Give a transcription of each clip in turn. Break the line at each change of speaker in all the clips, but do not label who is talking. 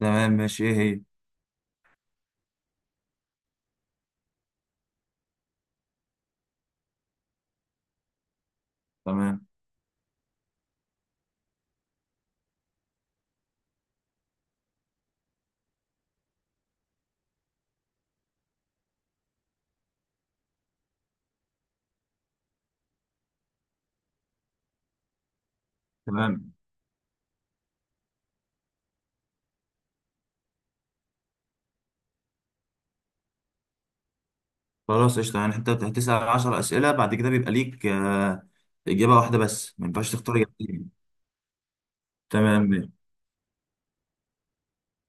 تمام ماشي، ايه هي؟ تمام. تمام. خلاص قشطة، يعني انت هتسأل 10 أسئلة بعد كده بيبقى ليك إجابة واحدة بس، ما ينفعش تختار إجابتين. تمام.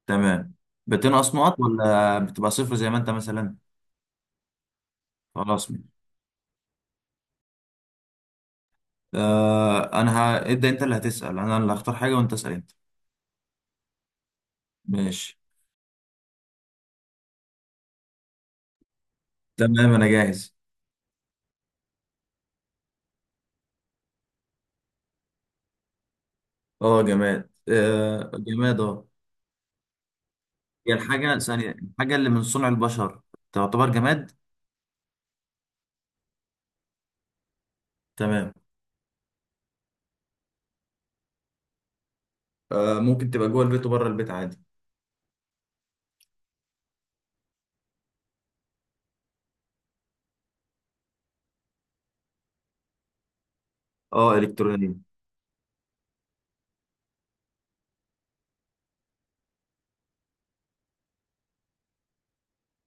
تمام. بتنقص نقط ولا بتبقى صفر زي ما انت مثلا؟ خلاص ماشي. ابدأ، انت اللي هتسأل انا اللي هختار حاجة، وانت اسأل انت. ماشي. تمام انا جاهز. اه جماد، آه جماد اه. هي الحاجة ثانية، الحاجة اللي من صنع البشر تعتبر جماد؟ تمام. آه ممكن تبقى جوه البيت وبره البيت عادي. اه الكترونية.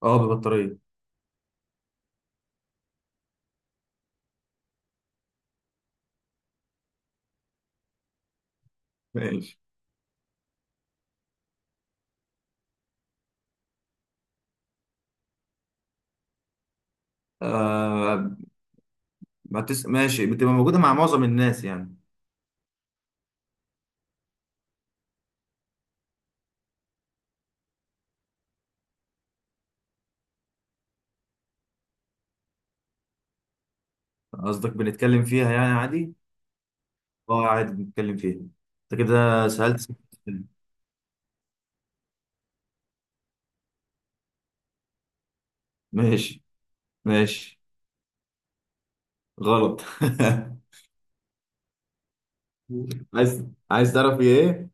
اه ببطارية. ماشي. آه ما تس... ماشي، بتبقى موجودة مع معظم الناس يعني. قصدك بنتكلم فيها يعني عادي؟ اه عادي بنتكلم فيها. انت كده سألت ست أسئلة. ماشي. ماشي. غلط. عايز، عايز تعرف ايه؟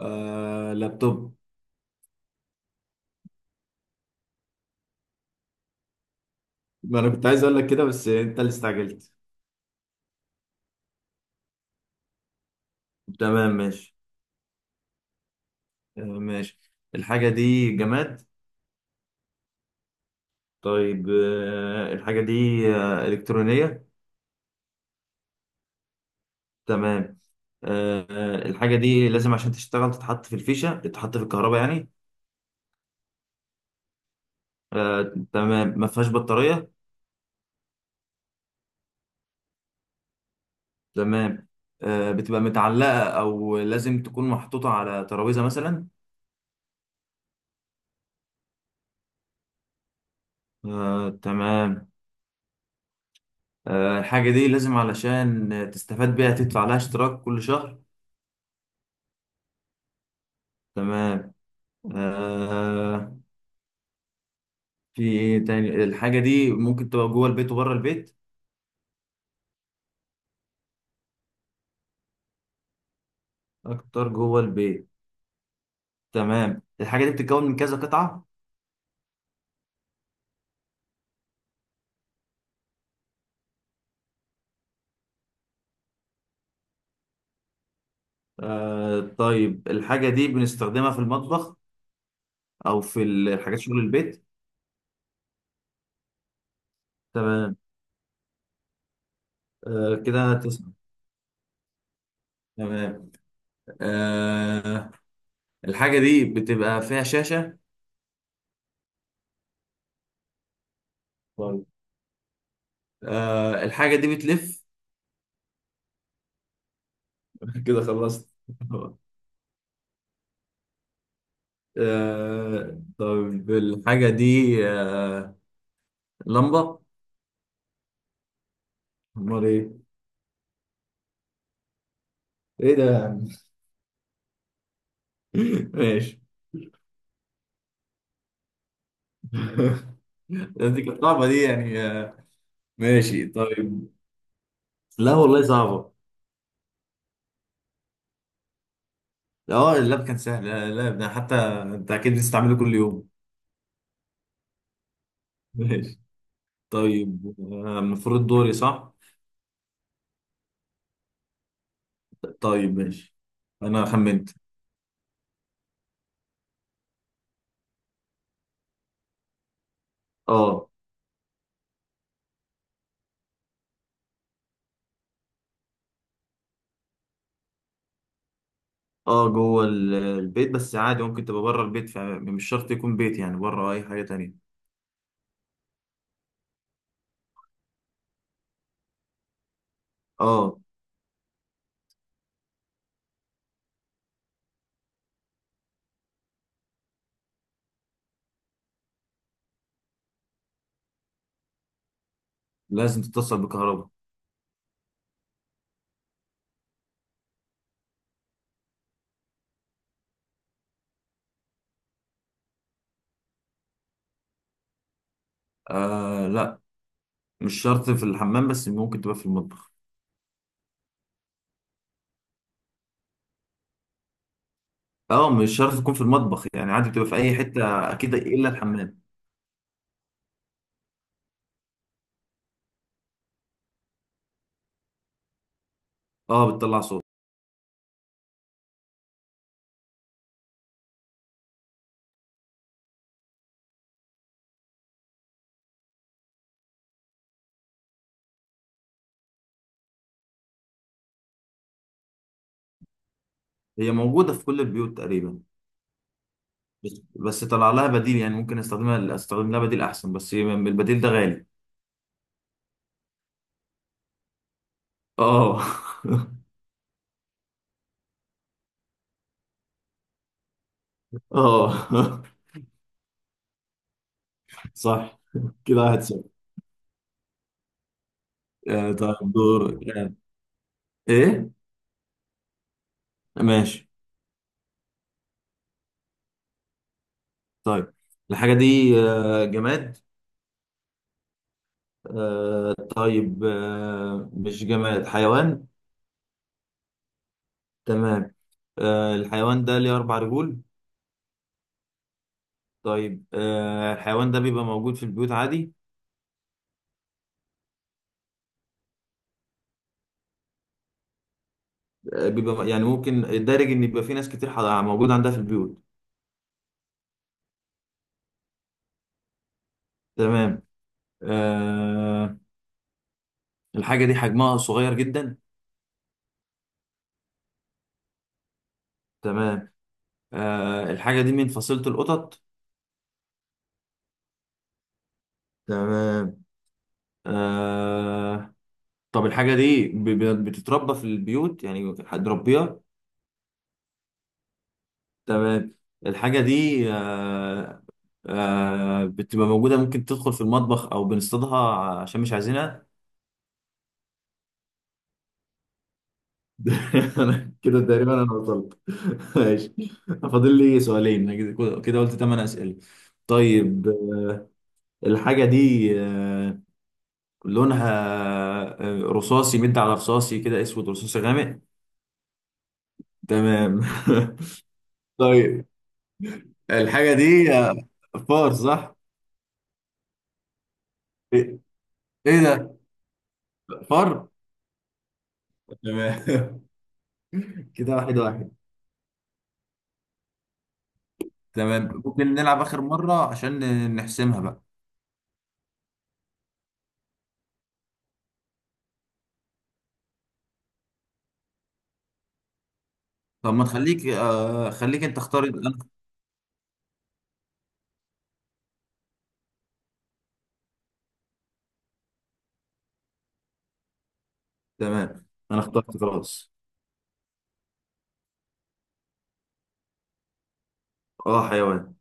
آه لابتوب. ما انا كنت عايز اقول لك كده بس انت اللي استعجلت. تمام ماشي. آه ماشي. الحاجة دي جماد. طيب، آه الحاجة دي آه إلكترونية. تمام. آه، الحاجة دي لازم عشان تشتغل تتحط في الفيشة، تتحط في الكهرباء يعني. آه، تمام. ما فيهاش بطارية. تمام. آه، بتبقى متعلقة أو لازم تكون محطوطة على ترابيزة مثلا؟ آه، تمام. آه، الحاجة دي لازم علشان تستفاد بيها تدفع لها اشتراك كل شهر؟ تمام. آه، في إيه تاني؟ الحاجة دي ممكن تبقى جوه البيت وبره البيت؟ أكتر جوه البيت. تمام. الحاجة دي بتتكون من كذا قطعة. آه طيب الحاجة دي بنستخدمها في المطبخ أو في الحاجات شغل البيت؟ تمام. آه كده تسعة. تمام. آه الحاجة دي بتبقى فيها شاشة. طيب. آه الحاجة دي بتلف. كده خلصت. آه طيب الحاجة دي آه لمبة. أمال إيه؟ إيه ده يا عم؟ ماشي. دي كانت صعبة دي يعني آه. ماشي طيب. لا والله صعبة. اه اللاب كان سهل، لا لا، ده حتى انت اكيد بتستعمله كل يوم. ماشي. طيب آه، المفروض دوري صح. طيب ماشي. انا خمنت. اه. اه جوه البيت بس عادي، ممكن تبقى بره البيت فمش شرط يكون بيت، يعني بره اي حاجه تانية. اه لازم تتصل بكهرباء. آه لا مش شرط في الحمام، بس ممكن تبقى في المطبخ. اه مش شرط تكون في المطبخ، يعني عادي بتبقى في اي حته اكيد الا الحمام. اه بتطلع صوت. هي موجوده في كل البيوت تقريبا، بس بس طلع لها بديل، يعني ممكن استخدمها، استخدم لها بديل احسن بس البديل ده غالي. اه. اه. صح. كده واحد صفر. آه، طيب دور آه، ايه؟ ماشي. طيب الحاجة دي آه، جماد. آه، طيب آه، مش جماد، حيوان. تمام. آه، الحيوان ده ليه أربع رجول. طيب آه، الحيوان ده بيبقى موجود في البيوت عادي؟ آه، بيبقى يعني ممكن الدارج إن يبقى في ناس كتير موجود عندها في البيوت. تمام. آه الحاجة دي حجمها صغير جدا. تمام. آه الحاجة دي من فصيلة القطط. تمام. آه طب الحاجة دي بتتربى في البيوت، يعني حد ربيها. تمام. الحاجة دي آه، آه بتبقى موجودة ممكن تدخل في المطبخ أو بنصطادها عشان مش عايزينها. أنا كده تقريبا أنا وصلت. ماشي. فاضل لي سؤالين، أنا كده كده قلت 8 أسئلة. طيب الحاجة دي لونها آه، رصاصي، مد على رصاصي كده، اسود رصاصي غامق. تمام. طيب الحاجة دي آه، فار صح؟ ايه؟ إيه ده؟ فار؟ تمام. كده واحد واحد. تمام، ممكن نلعب آخر مرة عشان نحسمها بقى. طب ما تخليك آه، خليك انت اختار انا. تمام، انا اخترت خلاص. اه حيوان.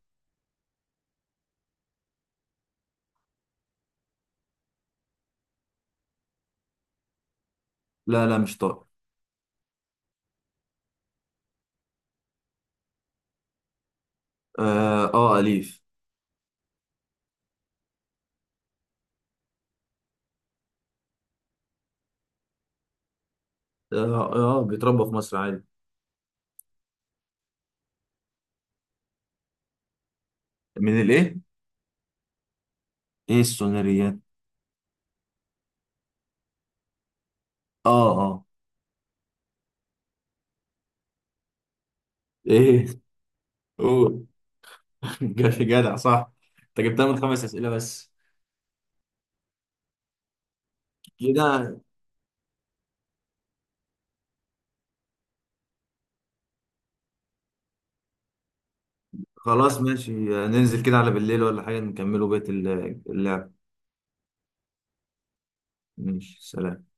لا لا مش طائر. اه اه أليف. اه، آه بيتربى في مصر عادي. من الايه؟ ايه السونريات؟ اه اه. ايه؟ قول. جاش جدع صح، انت جبتها من خمس اسئله بس. كده خلاص ماشي، ننزل كده على بالليل ولا حاجه نكملوا بقيه اللعب. ماشي سلام.